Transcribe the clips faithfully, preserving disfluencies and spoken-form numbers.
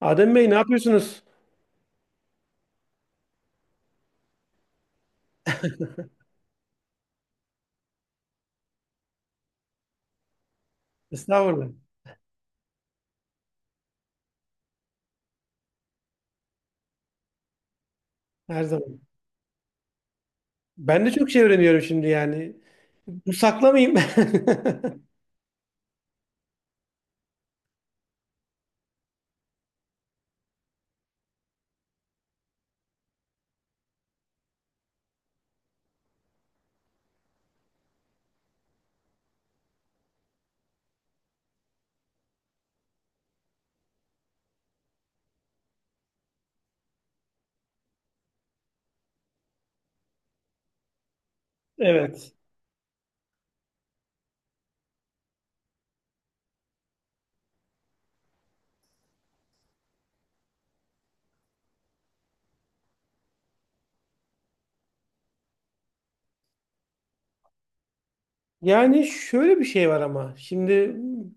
Adem Bey, ne yapıyorsunuz? Estağfurullah. Her zaman. Ben de çok şey öğreniyorum şimdi yani. Bu saklamayayım. Evet. Yani şöyle bir şey var ama. Şimdi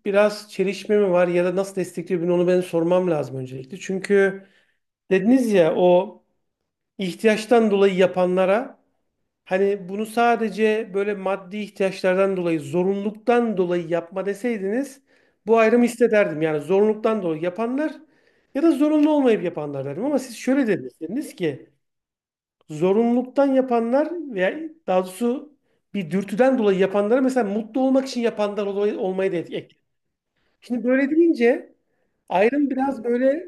biraz çelişme mi var ya da nasıl destekliyor bunu, onu ben sormam lazım öncelikle. Çünkü dediniz ya o ihtiyaçtan dolayı yapanlara. Hani bunu sadece böyle maddi ihtiyaçlardan dolayı, zorunluluktan dolayı yapma deseydiniz, bu ayrımı hissederdim. Yani zorunluluktan dolayı yapanlar ya da zorunlu olmayıp yapanlar derdim. Ama siz şöyle dediniz, dediniz ki zorunluluktan yapanlar veya daha doğrusu bir dürtüden dolayı yapanlara, mesela mutlu olmak için yapanlar olay- olmayı da ek. Şimdi böyle deyince ayrım biraz böyle,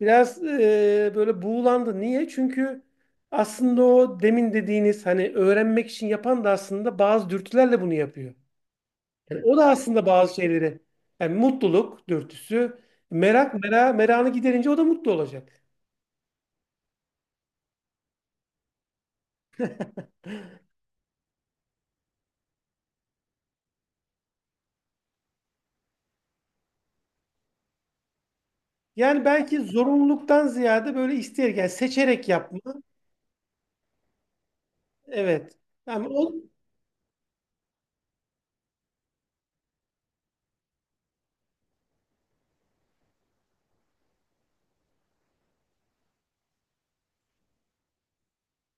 biraz e, böyle buğulandı. Niye? Çünkü aslında o demin dediğiniz hani öğrenmek için yapan da aslında bazı dürtülerle bunu yapıyor. Yani o da aslında bazı şeyleri, yani mutluluk dürtüsü, merak mera meranı giderince o da mutlu olacak. Yani belki zorunluluktan ziyade böyle isteyerek, yani seçerek yapma. Evet. Yani o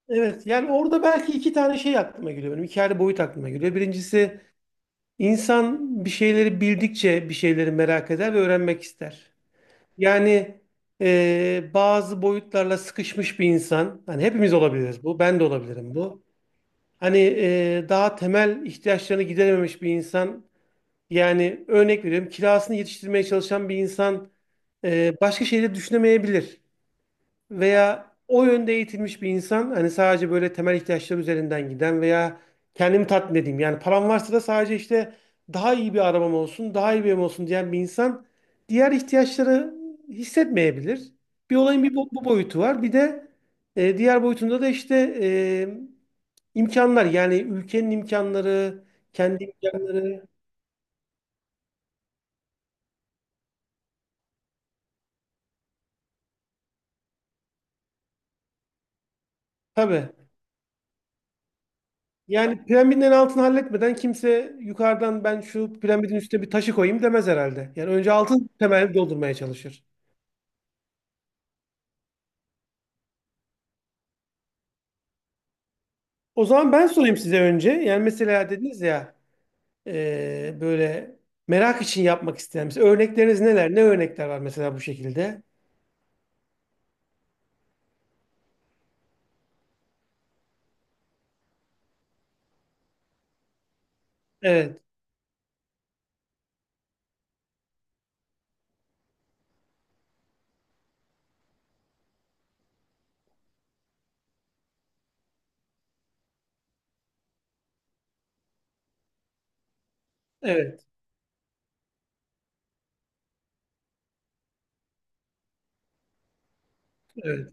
Evet, yani orada belki iki tane şey aklıma geliyor benim. İki ayrı boyut aklıma geliyor. Birincisi, insan bir şeyleri bildikçe bir şeyleri merak eder ve öğrenmek ister. Yani e, bazı boyutlarla sıkışmış bir insan, hani hepimiz olabiliriz bu, ben de olabilirim bu. Hani e, daha temel ihtiyaçlarını giderememiş bir insan, yani örnek veriyorum, kirasını yetiştirmeye çalışan bir insan e, başka şeyleri düşünemeyebilir veya o yönde eğitilmiş bir insan, hani sadece böyle temel ihtiyaçlar üzerinden giden veya kendimi tatmin edeyim. Yani param varsa da sadece işte daha iyi bir arabam olsun, daha iyi bir evim olsun diyen bir insan diğer ihtiyaçları hissetmeyebilir. Bir olayın bir bu, bu boyutu var. Bir de e, diğer boyutunda da işte e, imkanlar, yani ülkenin imkanları, kendi imkanları. Tabii. Yani piramidin en altını halletmeden kimse yukarıdan, ben şu piramidin üstüne bir taşı koyayım demez herhalde. Yani önce altın temelini doldurmaya çalışır. O zaman ben sorayım size önce. Yani mesela dediniz ya, e, böyle merak için yapmak isteyen. Mesela örnekleriniz neler? Ne örnekler var mesela bu şekilde? Evet, evet, evet.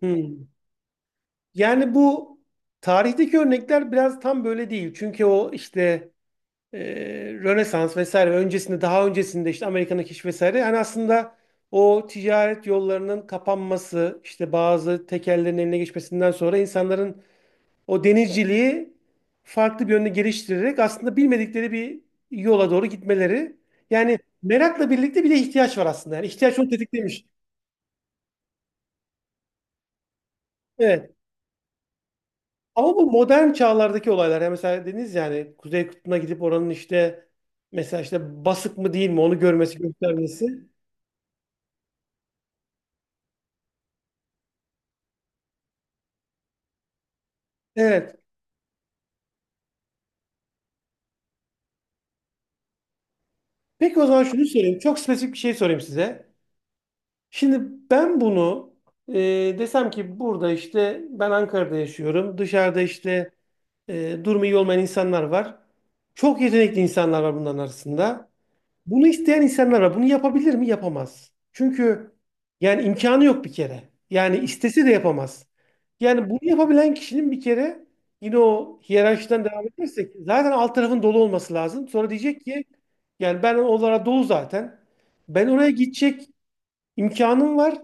Hmm. Yani bu tarihteki örnekler biraz tam böyle değil. Çünkü o işte e, Rönesans vesaire ve öncesinde, daha öncesinde işte Amerika'nın keşfi vesaire, hani aslında o ticaret yollarının kapanması, işte bazı tekellerin eline geçmesinden sonra insanların o denizciliği farklı bir yönde geliştirerek aslında bilmedikleri bir yola doğru gitmeleri, yani merakla birlikte bir de ihtiyaç var aslında, yani ihtiyaç onu tetiklemiş. Evet. Ama bu modern çağlardaki olaylar, yani mesela dediniz, yani Kuzey Kutbu'na gidip oranın işte mesela işte basık mı değil mi onu görmesi, göstermesi. Evet. Peki, o zaman şunu söyleyeyim. Çok spesifik bir şey sorayım size. Şimdi ben bunu e, desem ki, burada işte ben Ankara'da yaşıyorum. Dışarıda işte e, durumu iyi olmayan insanlar var. Çok yetenekli insanlar var bunların arasında. Bunu isteyen insanlar var. Bunu yapabilir mi? Yapamaz. Çünkü yani imkanı yok bir kere. Yani istese de yapamaz. Yani bunu yapabilen kişinin bir kere, yine o hiyerarşiden devam edersek zaten alt tarafın dolu olması lazım. Sonra diyecek ki yani ben onlara dolu zaten. Ben oraya gidecek imkanım var.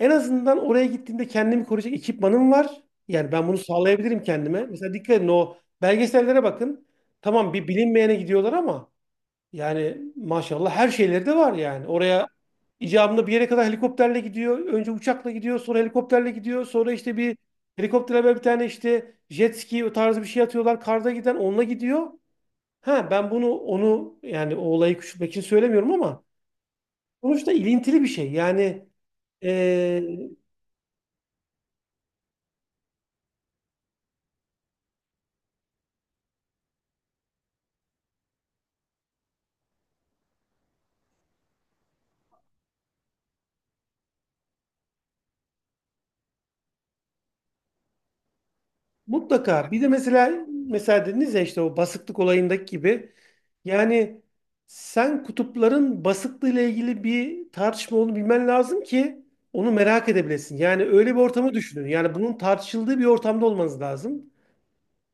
En azından oraya gittiğimde kendimi koruyacak ekipmanım var. Yani ben bunu sağlayabilirim kendime. Mesela dikkat edin o belgesellere bakın. Tamam, bir bilinmeyene gidiyorlar ama yani maşallah her şeyleri de var yani. Oraya icabında bir yere kadar helikopterle gidiyor. Önce uçakla gidiyor, sonra helikopterle gidiyor. Sonra işte bir helikoptere böyle bir tane işte jet ski o tarzı bir şey atıyorlar. Karda giden onunla gidiyor. Ha, ben bunu, onu yani o olayı küçültmek için söylemiyorum ama sonuçta ilintili bir şey. Yani. Mutlaka. Bir de mesela mesela dediniz ya işte o basıklık olayındaki gibi, yani sen kutupların basıklığıyla ilgili bir tartışma olduğunu bilmen lazım ki onu merak edebilesin. Yani öyle bir ortamı düşünün. Yani bunun tartışıldığı bir ortamda olmanız lazım.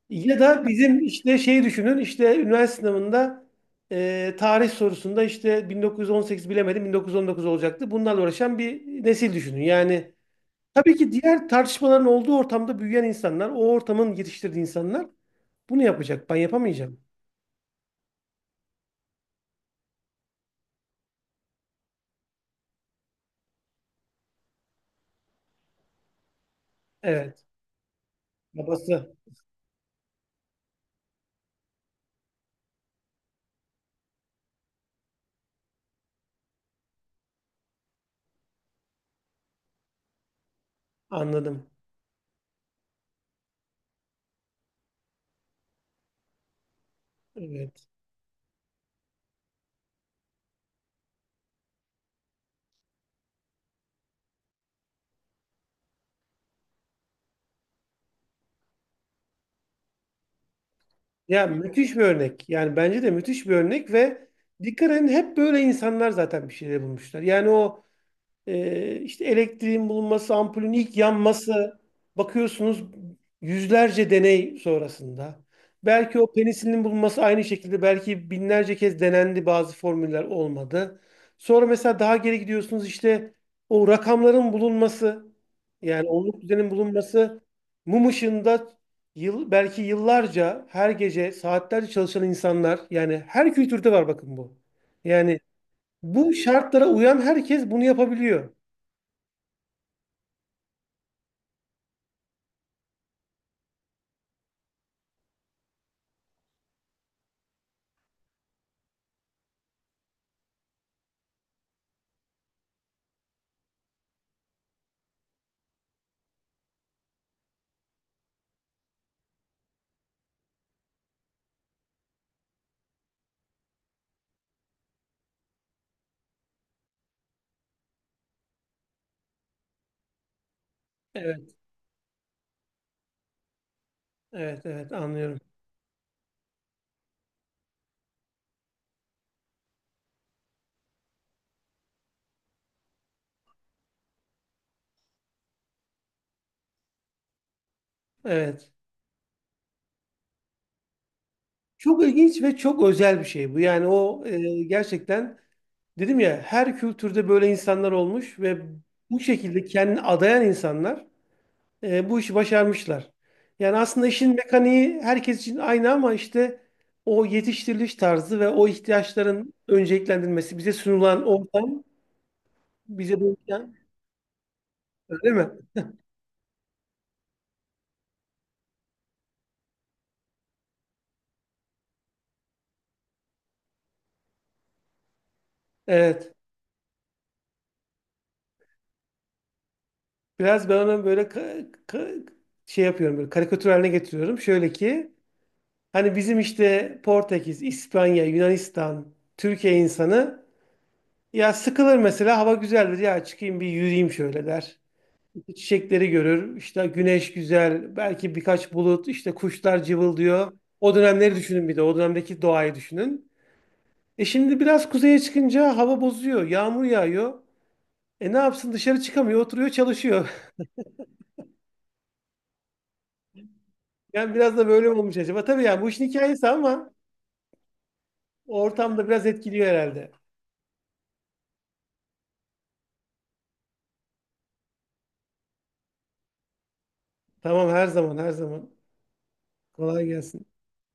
Ya da bizim işte şey düşünün, işte üniversite sınavında e, tarih sorusunda işte bin dokuz yüz on sekiz bilemedim bin dokuz yüz on dokuz olacaktı. Bunlarla uğraşan bir nesil düşünün. Yani. Tabii ki diğer tartışmaların olduğu ortamda büyüyen insanlar, o ortamın yetiştirdiği insanlar bunu yapacak. Ben yapamayacağım. Evet. Babası. Anladım. Evet. Ya müthiş bir örnek. Yani bence de müthiş bir örnek ve dikkat edin, hep böyle insanlar zaten bir şeyler bulmuşlar. Yani o. Ee, işte elektriğin bulunması, ampulün ilk yanması, bakıyorsunuz yüzlerce deney sonrasında. Belki o penisilinin bulunması aynı şekilde, belki binlerce kez denendi, bazı formüller olmadı. Sonra mesela daha geri gidiyorsunuz işte o rakamların bulunması, yani onluk düzenin bulunması, mum ışığında yıl, belki yıllarca her gece saatlerce çalışan insanlar, yani her kültürde var bakın bu. Yani bu şartlara uyan herkes bunu yapabiliyor. Evet, evet, evet, anlıyorum. Evet. Çok ilginç ve çok özel bir şey bu. Yani o e, gerçekten dedim ya her kültürde böyle insanlar olmuş ve bu şekilde kendini adayan insanlar e, bu işi başarmışlar. Yani aslında işin mekaniği herkes için aynı ama işte o yetiştiriliş tarzı ve o ihtiyaçların önceliklendirilmesi, bize sunulan ortam, bize bu imkan, öyle mi? Evet. Biraz ben ona böyle ka- ka- şey yapıyorum, böyle karikatür haline getiriyorum. Şöyle ki, hani bizim işte Portekiz, İspanya, Yunanistan, Türkiye insanı ya sıkılır, mesela hava güzeldir ya, çıkayım bir yürüyeyim şöyle der. İşte çiçekleri görür, işte güneş güzel, belki birkaç bulut, işte kuşlar cıvıldıyor. O dönemleri düşünün, bir de o dönemdeki doğayı düşünün. E şimdi biraz kuzeye çıkınca hava bozuyor, yağmur yağıyor. E ne yapsın, dışarı çıkamıyor, oturuyor, çalışıyor. Yani biraz da böyle mi olmuş acaba. Tabii yani bu işin hikayesi ama ortamda biraz etkiliyor herhalde. Tamam, her zaman, her zaman. Kolay gelsin.